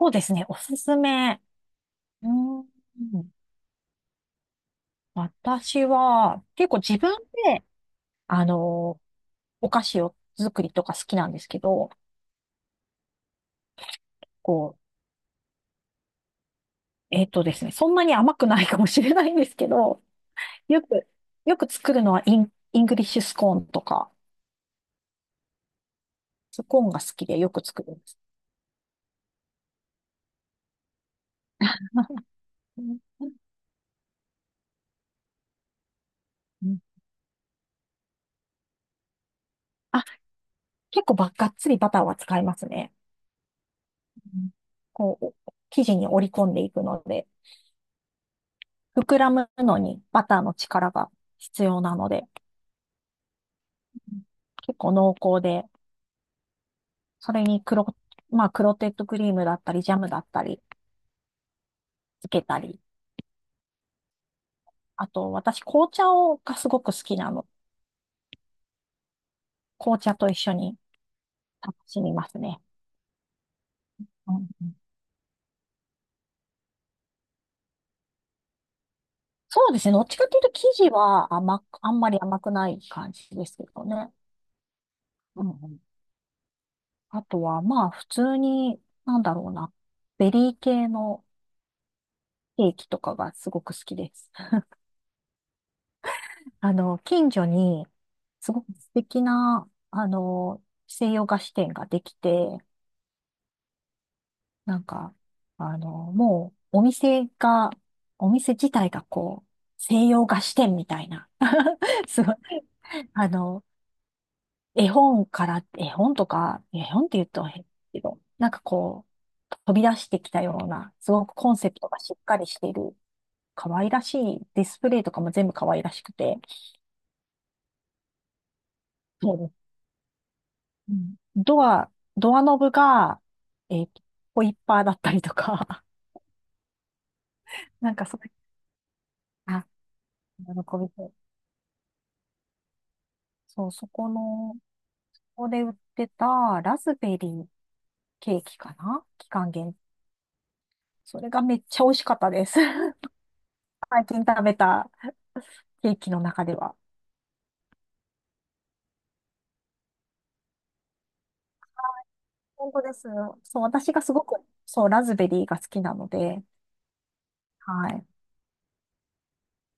そうですね。おすすめ。うーん。私は、結構自分で、あの、お菓子を作りとか好きなんですけど、こえっとですね、そんなに甘くないかもしれないんですけど、よく、よく作るのはイングリッシュスコーンとか、スコーンが好きでよく作るんです。うんうん。あ、結構がっつりバターは使いますね。うん。こう、お生地に折り込んでいくので、膨らむのにバターの力が必要なので、結構濃厚で、それにまあ、クロテッドクリームだったり、ジャムだったり、つけたり。あと、私、紅茶をがすごく好きなの。紅茶と一緒に楽しみますね。うんうん。そうですね。どっちかというと、生地はあんまり甘くない感じですけどね。うんうん。あとは、まあ、普通に、なんだろうな。ベリー系のケーキとかがすごく好きです。近所に、すごく素敵な、西洋菓子店ができて、なんか、もう、お店自体がこう、西洋菓子店みたいな、すごい、あの、絵本とか、絵本って言うと変だけど、なんかこう、飛び出してきたような、すごくコンセプトがしっかりしている、可愛らしいディスプレイとかも全部可愛らしくて、うん。ドアノブが、えっと、ホイッパーだったりとか、なんかそれ、あ、喜びそう。そう、そこの、ここで売ってたラズベリーケーキかな、期間限定。それがめっちゃ美味しかったです。最近食べたケーキの中では。本当です。そう、私がすごく、そう、ラズベリーが好きなので、はい。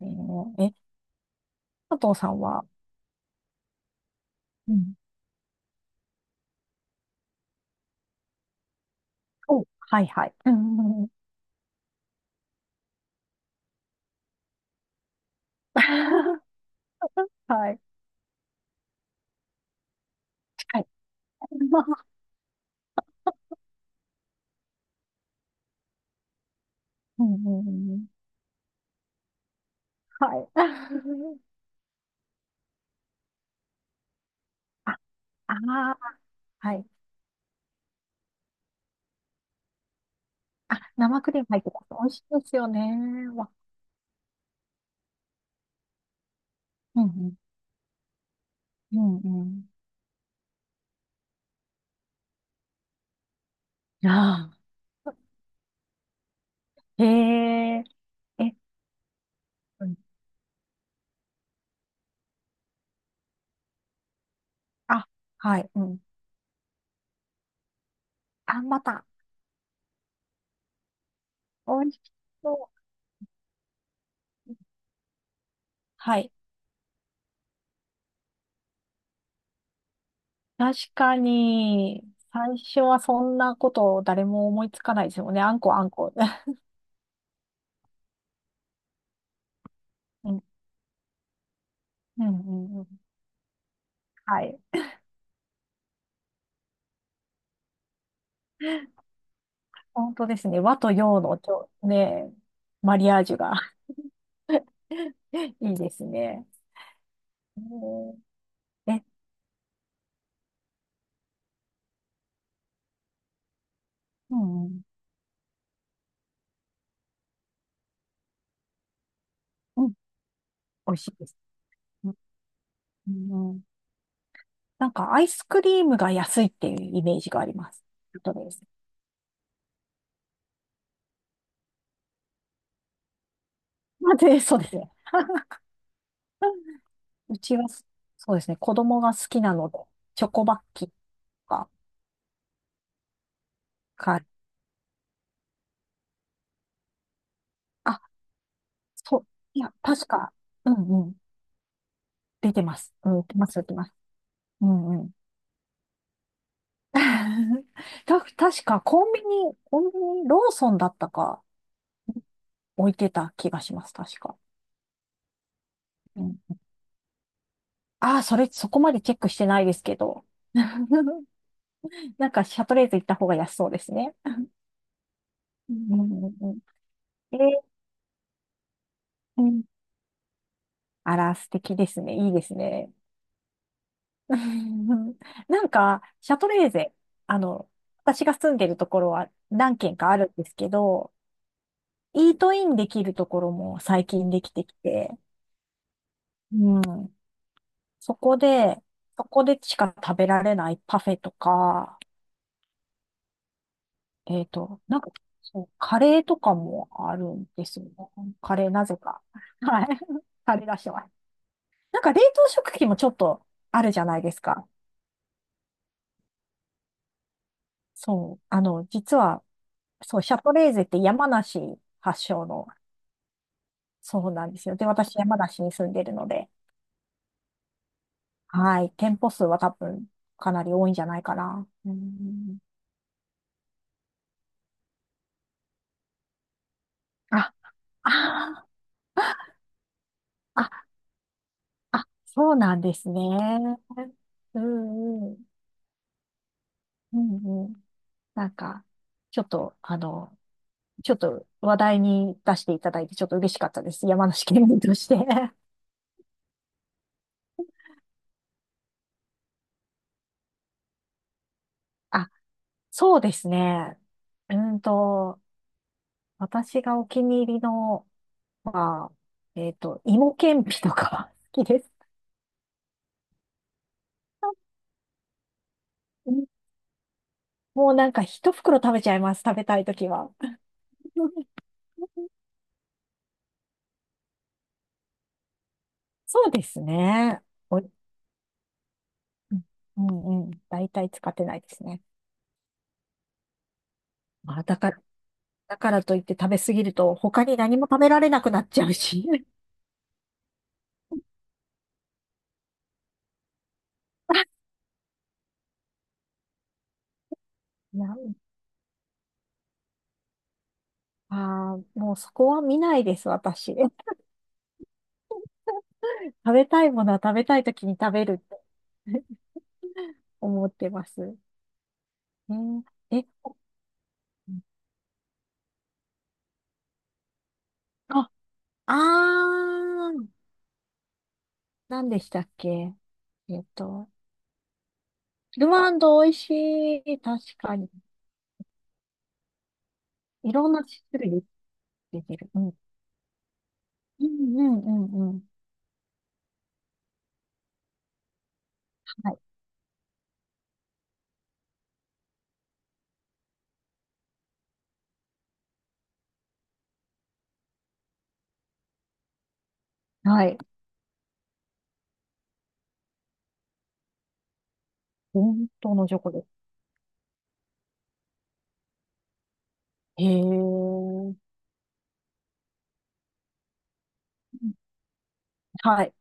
えー、え、佐藤さんは、うん。お、はいはい。うんうんうん。 はい。近い。うんうんうんうん。はい。あ、ああ、はい。あ、生クリーム入ってます。美味しいですよね。わ、うんうん。うんうん。ああ。へえ、え、うん。あ、はい。うん。あ、また。美味しそう。はい。確かに、最初はそんなこと誰も思いつかないですよね。あんこあんこ。うん。うんうんうん。はい。本当ですね。和と洋のね、マリアージュが。いいですね。えーえ、うんうん、うん、美味しいです。うん、うん。なんかアイスクリームが安いっていうイメージがあります。そうです。まあで、そうですね。うちは、そうですね、子供が好きなので、チョコバッキーとかかあ、そう、いや、確か、うんうん、出てます。うん、出てます、出てます。うんうん。確かコンビニ、ローソンだったか置いてた気がします、確か。うん。ああ、そこまでチェックしてないですけど。なんか、シャトレーゼ行った方が安そうですね。うんうんうん。えーうん。あら、素敵ですね。いいですね。うん。なんか、シャトレーゼ、あの、私が住んでるところは何軒かあるんですけど、イートインできるところも最近できてきて、うん、そこで、そこでしか食べられないパフェとか、なんか、そう、カレーとかもあるんですよね。カレーなぜか。はい。カレー出してます。なんか冷凍食品もちょっとあるじゃないですか。そう。実は、そう、シャトレーゼって山梨発祥の、そうなんですよ。で、私山梨に住んでるので、はい。店舗数は多分かなり多いんじゃないかな。うん。あ、あー、あ、あ、そうなんですね。うんうん。うんうん。なんか、ちょっと、あの、ちょっと話題に出していただいて、ちょっと嬉しかったです。山梨県民として。あ、そうですね。うーんと、私がお気に入りのは、芋けんぴとか 好きです。うん。もうなんか一袋食べちゃいます。食べたいときは。そうですね。お、うんうんうん。大体使ってないですね。まあ、だからといって食べ過ぎると他に何も食べられなくなっちゃうし。いや、もうそこは見ないです、私。食べたいものは食べたいときに食べるって 思ってます。えーえ、あ、あー、何でしたっけ？えっと、ルマンド美味しい。確かに。いろんな種類出てる。うん。うんうんうんうん。はい。はい。本当のチョコです。へえ。はい。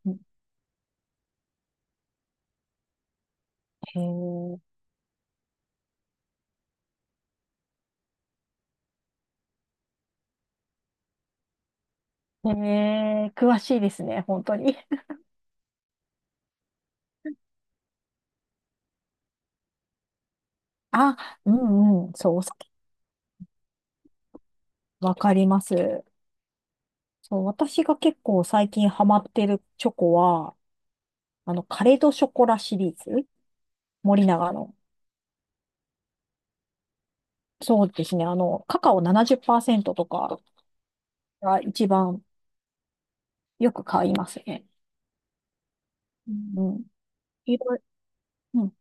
へえ。へー。詳しいですね、本当に。あ、うんうん。そう、お酒、わかります。そう、私が結構最近ハマってるチョコは、カレ・ド・ショコラシリーズ、森永の。そうですね。カカオ70%とかが一番よく買いますね。うん、うん。いろいろ、うん。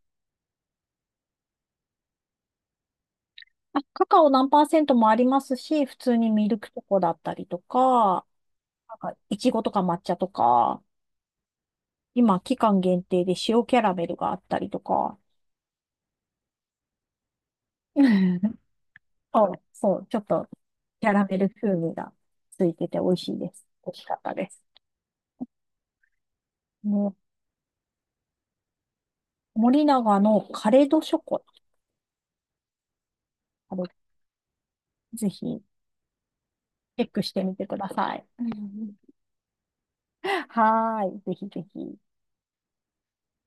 あ、カカオ何パーセントもありますし、普通にミルクチョコだったりとか、なんか、いちごとか抹茶とか、今、期間限定で塩キャラメルがあったりとか。そう、そう、ちょっとキャラメル風味がついてて美味しいです。美味しかったです。ね、森永のカレドショコラ、あれぜひチェックしてみてください。はーい、ぜひぜひ。